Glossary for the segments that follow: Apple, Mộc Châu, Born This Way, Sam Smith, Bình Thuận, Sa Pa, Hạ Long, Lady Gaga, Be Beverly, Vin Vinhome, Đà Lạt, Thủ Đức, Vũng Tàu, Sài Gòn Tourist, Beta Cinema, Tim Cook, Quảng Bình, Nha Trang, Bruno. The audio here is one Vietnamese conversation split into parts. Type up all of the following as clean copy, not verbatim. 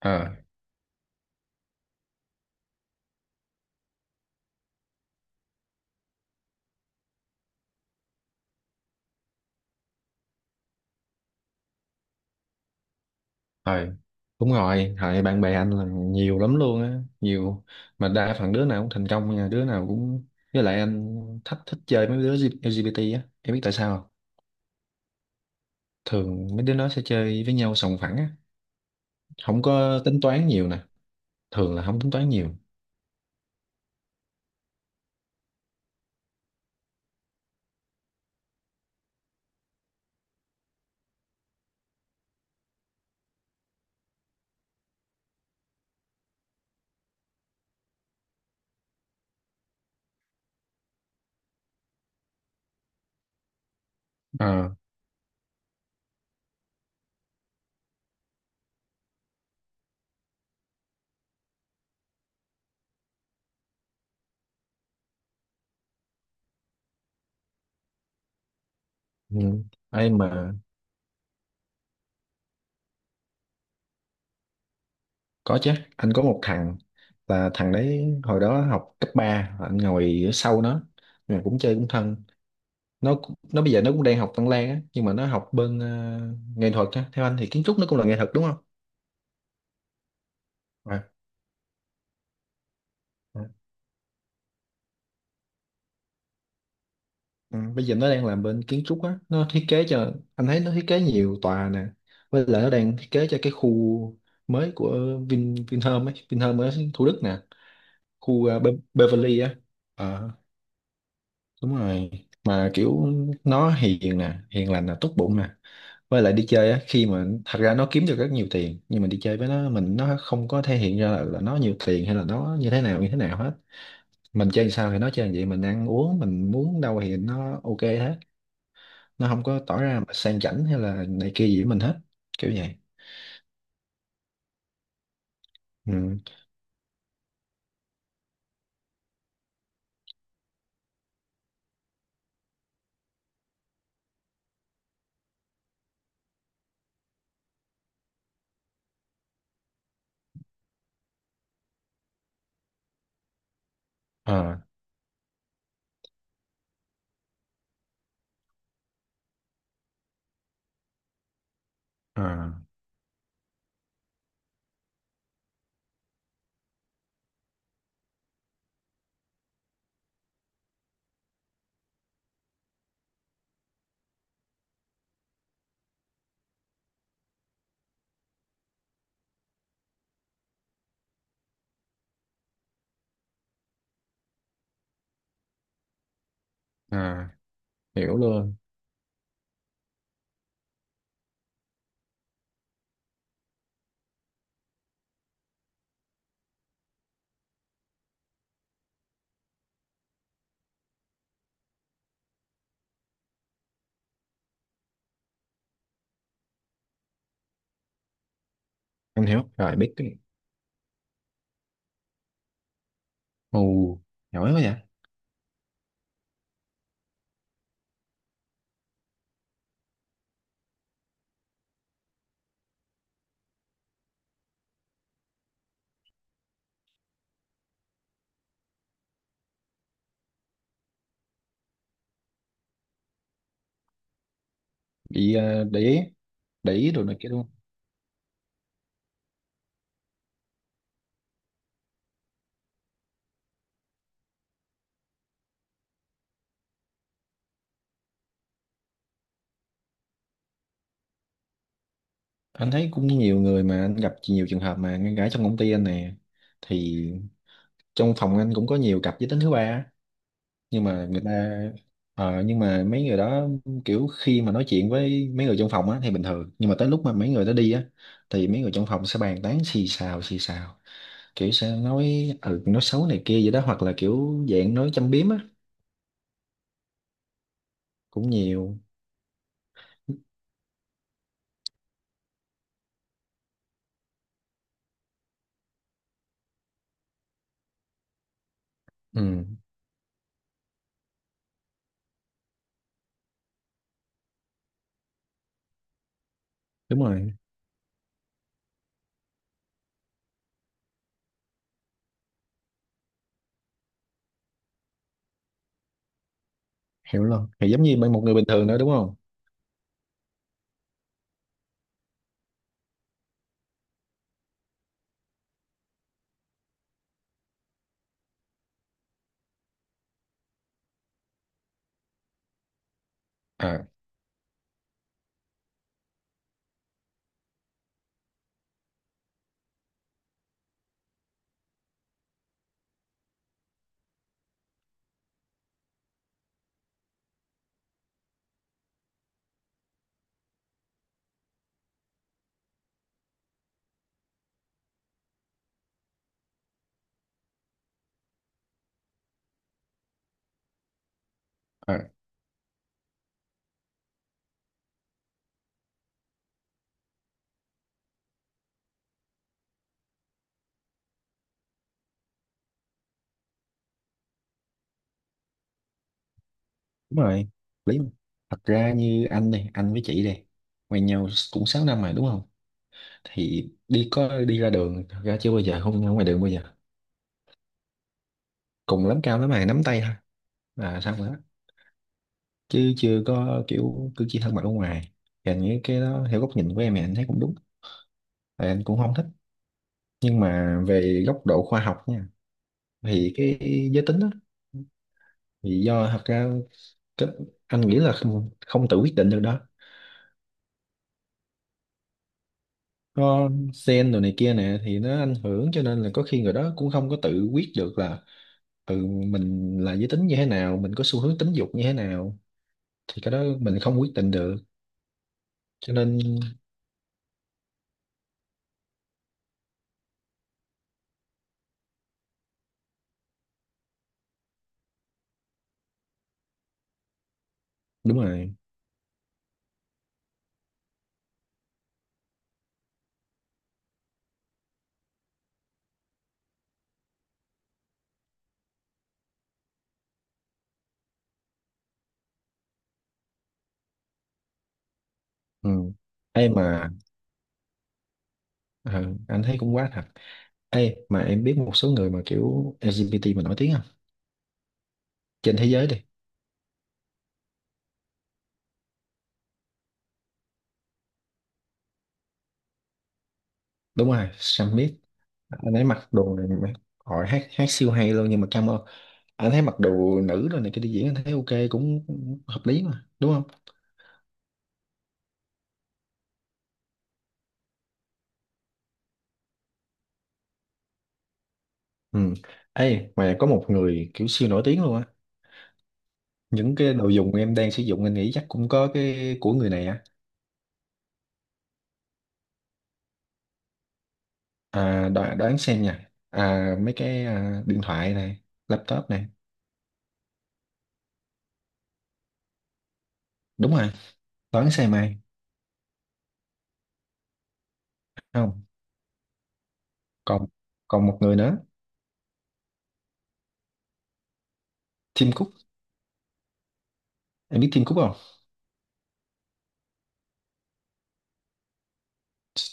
Ờ thôi đúng rồi, thời bạn bè anh là nhiều lắm luôn á, nhiều mà đa phần đứa nào cũng thành công nha, đứa nào cũng với lại anh thích thích chơi mấy đứa LGBT á, em biết tại sao không? Thường mấy đứa nó sẽ chơi với nhau sòng phẳng á, không có tính toán nhiều nè, thường là không tính toán nhiều. ờ ừ. Ai mà? Có chứ, anh có một thằng, thằng đấy hồi đó học cấp 3 anh ngồi ở sau nó, mà cũng chơi cũng thân. Nó bây giờ nó cũng đang học Văn Lang á, nhưng mà nó học bên nghệ thuật á. Theo anh thì kiến trúc nó cũng là nghệ thuật đúng không? À, à, ừ, Bây giờ nó đang làm bên kiến trúc á, nó thiết kế, cho anh thấy nó thiết kế nhiều tòa nè, với lại nó đang thiết kế cho cái khu mới của Vinhome ấy, Vinhome ở Thủ Đức nè, khu ờ, Be Beverly á. Đúng rồi, mà kiểu nó hiền nè, hiền lành nè, tốt bụng nè, với lại đi chơi á, khi mà thật ra nó kiếm được rất nhiều tiền nhưng mà đi chơi với nó, mình nó không có thể hiện ra là nó nhiều tiền hay là nó như thế nào hết. Mình chơi sao thì nó chơi vậy, mình ăn uống mình muốn đâu thì nó ok hết, nó không có tỏ ra mà sang chảnh hay là này kia gì với mình hết, kiểu vậy. ừ à à à Hiểu luôn, em hiểu rồi, biết cái. Ồ, giỏi quá vậy. Để ý, để ý đồ này kia luôn. Anh thấy cũng nhiều người, mà anh gặp nhiều trường hợp mà ngăn gái trong công ty anh nè, thì trong phòng anh cũng có nhiều cặp giới tính thứ ba á. Nhưng mà người ta nhưng mà mấy người đó, kiểu khi mà nói chuyện với mấy người trong phòng á thì bình thường, nhưng mà tới lúc mà mấy người đó đi á thì mấy người trong phòng sẽ bàn tán, xì xào kiểu sẽ nói, ừ, nói xấu này kia vậy đó, hoặc là kiểu dạng nói châm biếm á, cũng nhiều. Ừ, đúng rồi, hiểu luôn, thì giống như bên một người bình thường nữa đúng không? à à, Đúng rồi, lý mà. Thật ra như anh đây, anh với chị đây quen nhau cũng 6 năm mà đúng không? Thì đi ra đường thật ra chưa bao giờ, không ra ngoài đường bao giờ, cùng lắm cao lắm mày nắm tay thôi là xong rồi đó, chứ chưa có kiểu cử chỉ thân mật ở ngoài. Thì anh nghĩ cái đó theo góc nhìn của em thì anh thấy cũng đúng. Tại anh cũng không thích. Nhưng mà về góc độ khoa học nha, thì cái giới tính đó thì do thật ra cái, anh nghĩ là không tự quyết định được đó. Có sen đồ này kia nè thì nó ảnh hưởng, cho nên là có khi người đó cũng không có tự quyết được là, ừ, mình là giới tính như thế nào, mình có xu hướng tính dục như thế nào, thì cái đó mình không quyết định được, cho nên đúng rồi. ừ. Ê mà ờ, anh thấy cũng quá thật. Ê mà em biết một số người mà kiểu LGBT mà nổi tiếng không, trên thế giới đi? Đúng rồi, Sam Smith. Anh ấy mặc đồ này mà hỏi hát hát siêu hay luôn, nhưng mà cam ơn anh thấy mặc đồ nữ rồi này, cái đi diễn anh thấy ok cũng hợp lý mà đúng không? Ừ. Ê, mà có một người kiểu siêu nổi tiếng luôn á. Những cái đồ dùng em đang sử dụng anh nghĩ chắc cũng có cái của người này á. À, đoán xem nha. À, mấy cái điện thoại này, laptop này. Đúng rồi, đoán xem ai. Không, còn còn một người nữa, Tim Cook. Em biết Tim Cook không?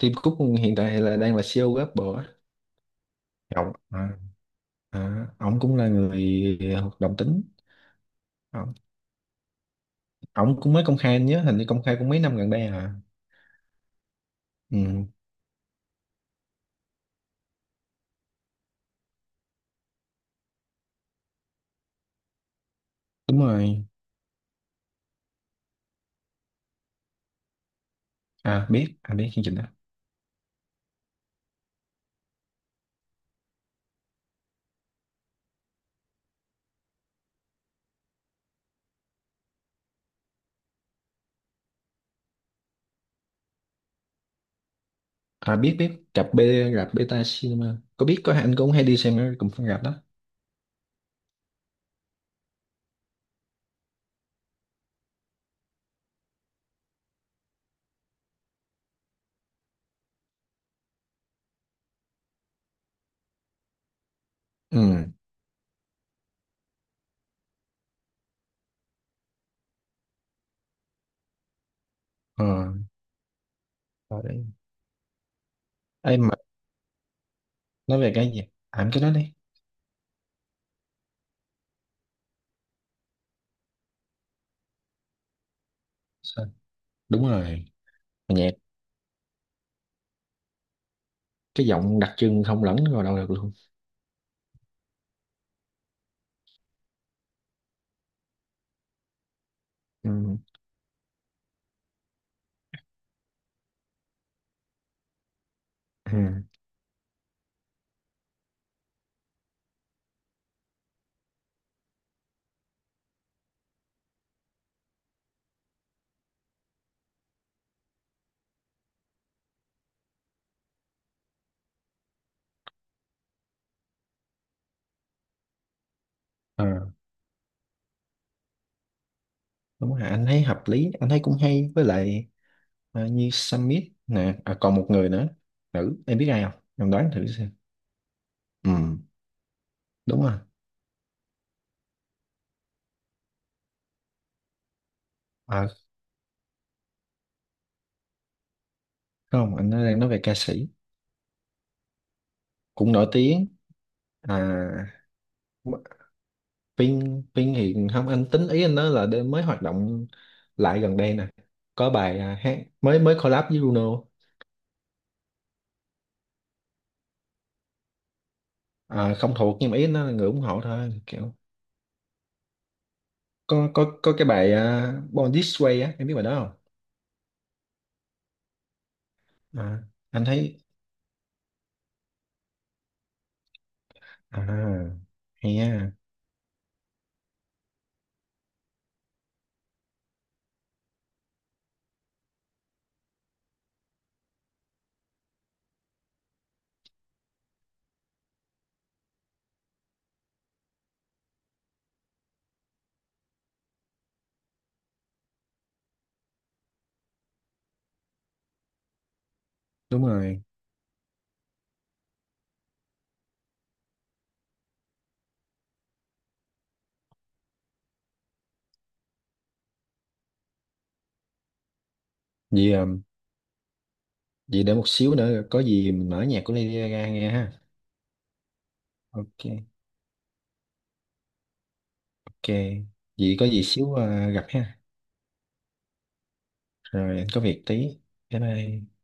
Tim Cook hiện tại là đang là CEO của Apple á. Ông, ông cũng là người hoạt động tính. Ông, ông cũng mới công khai, anh nhớ hình như công khai cũng mấy năm gần đây à. Ừ, đúng rồi. À, biết, biết chương trình đó. À, biết, rạp Beta Cinema, có biết, có, anh cũng hay đi xem ở cùng phân rạp đó. ừ ờ Rồi đấy. Ê, mà nói về cái gì, à cái đó đi. Sao? Đúng rồi, mà nhạc, cái giọng đặc trưng không lẫn vào đâu được luôn. ừ ừ ờ Đúng rồi, anh thấy hợp lý, anh thấy cũng hay. Với lại như Sam Smith nè, còn một người nữa, nữ, em biết ai không, em đoán thử xem. ừ Đúng rồi. à Không, anh đang nói về ca sĩ, cũng nổi tiếng. à Pin, Pin thì không, anh tính ý anh nói là đêm mới hoạt động lại gần đây nè, có bài hát mới, mới collab với Bruno. À, không thuộc, nhưng mà ý anh nói là người ủng hộ thôi, kiểu có cái bài Born This Way á, em biết bài đó không? à, anh thấy à hay ha. Đúng rồi, vì vì để một xíu nữa có gì mình mở nhạc của Lady Gaga nghe ha. Ok, ok. Vì có gì xíu gặp ha. Rồi, anh có việc tí, bye bye.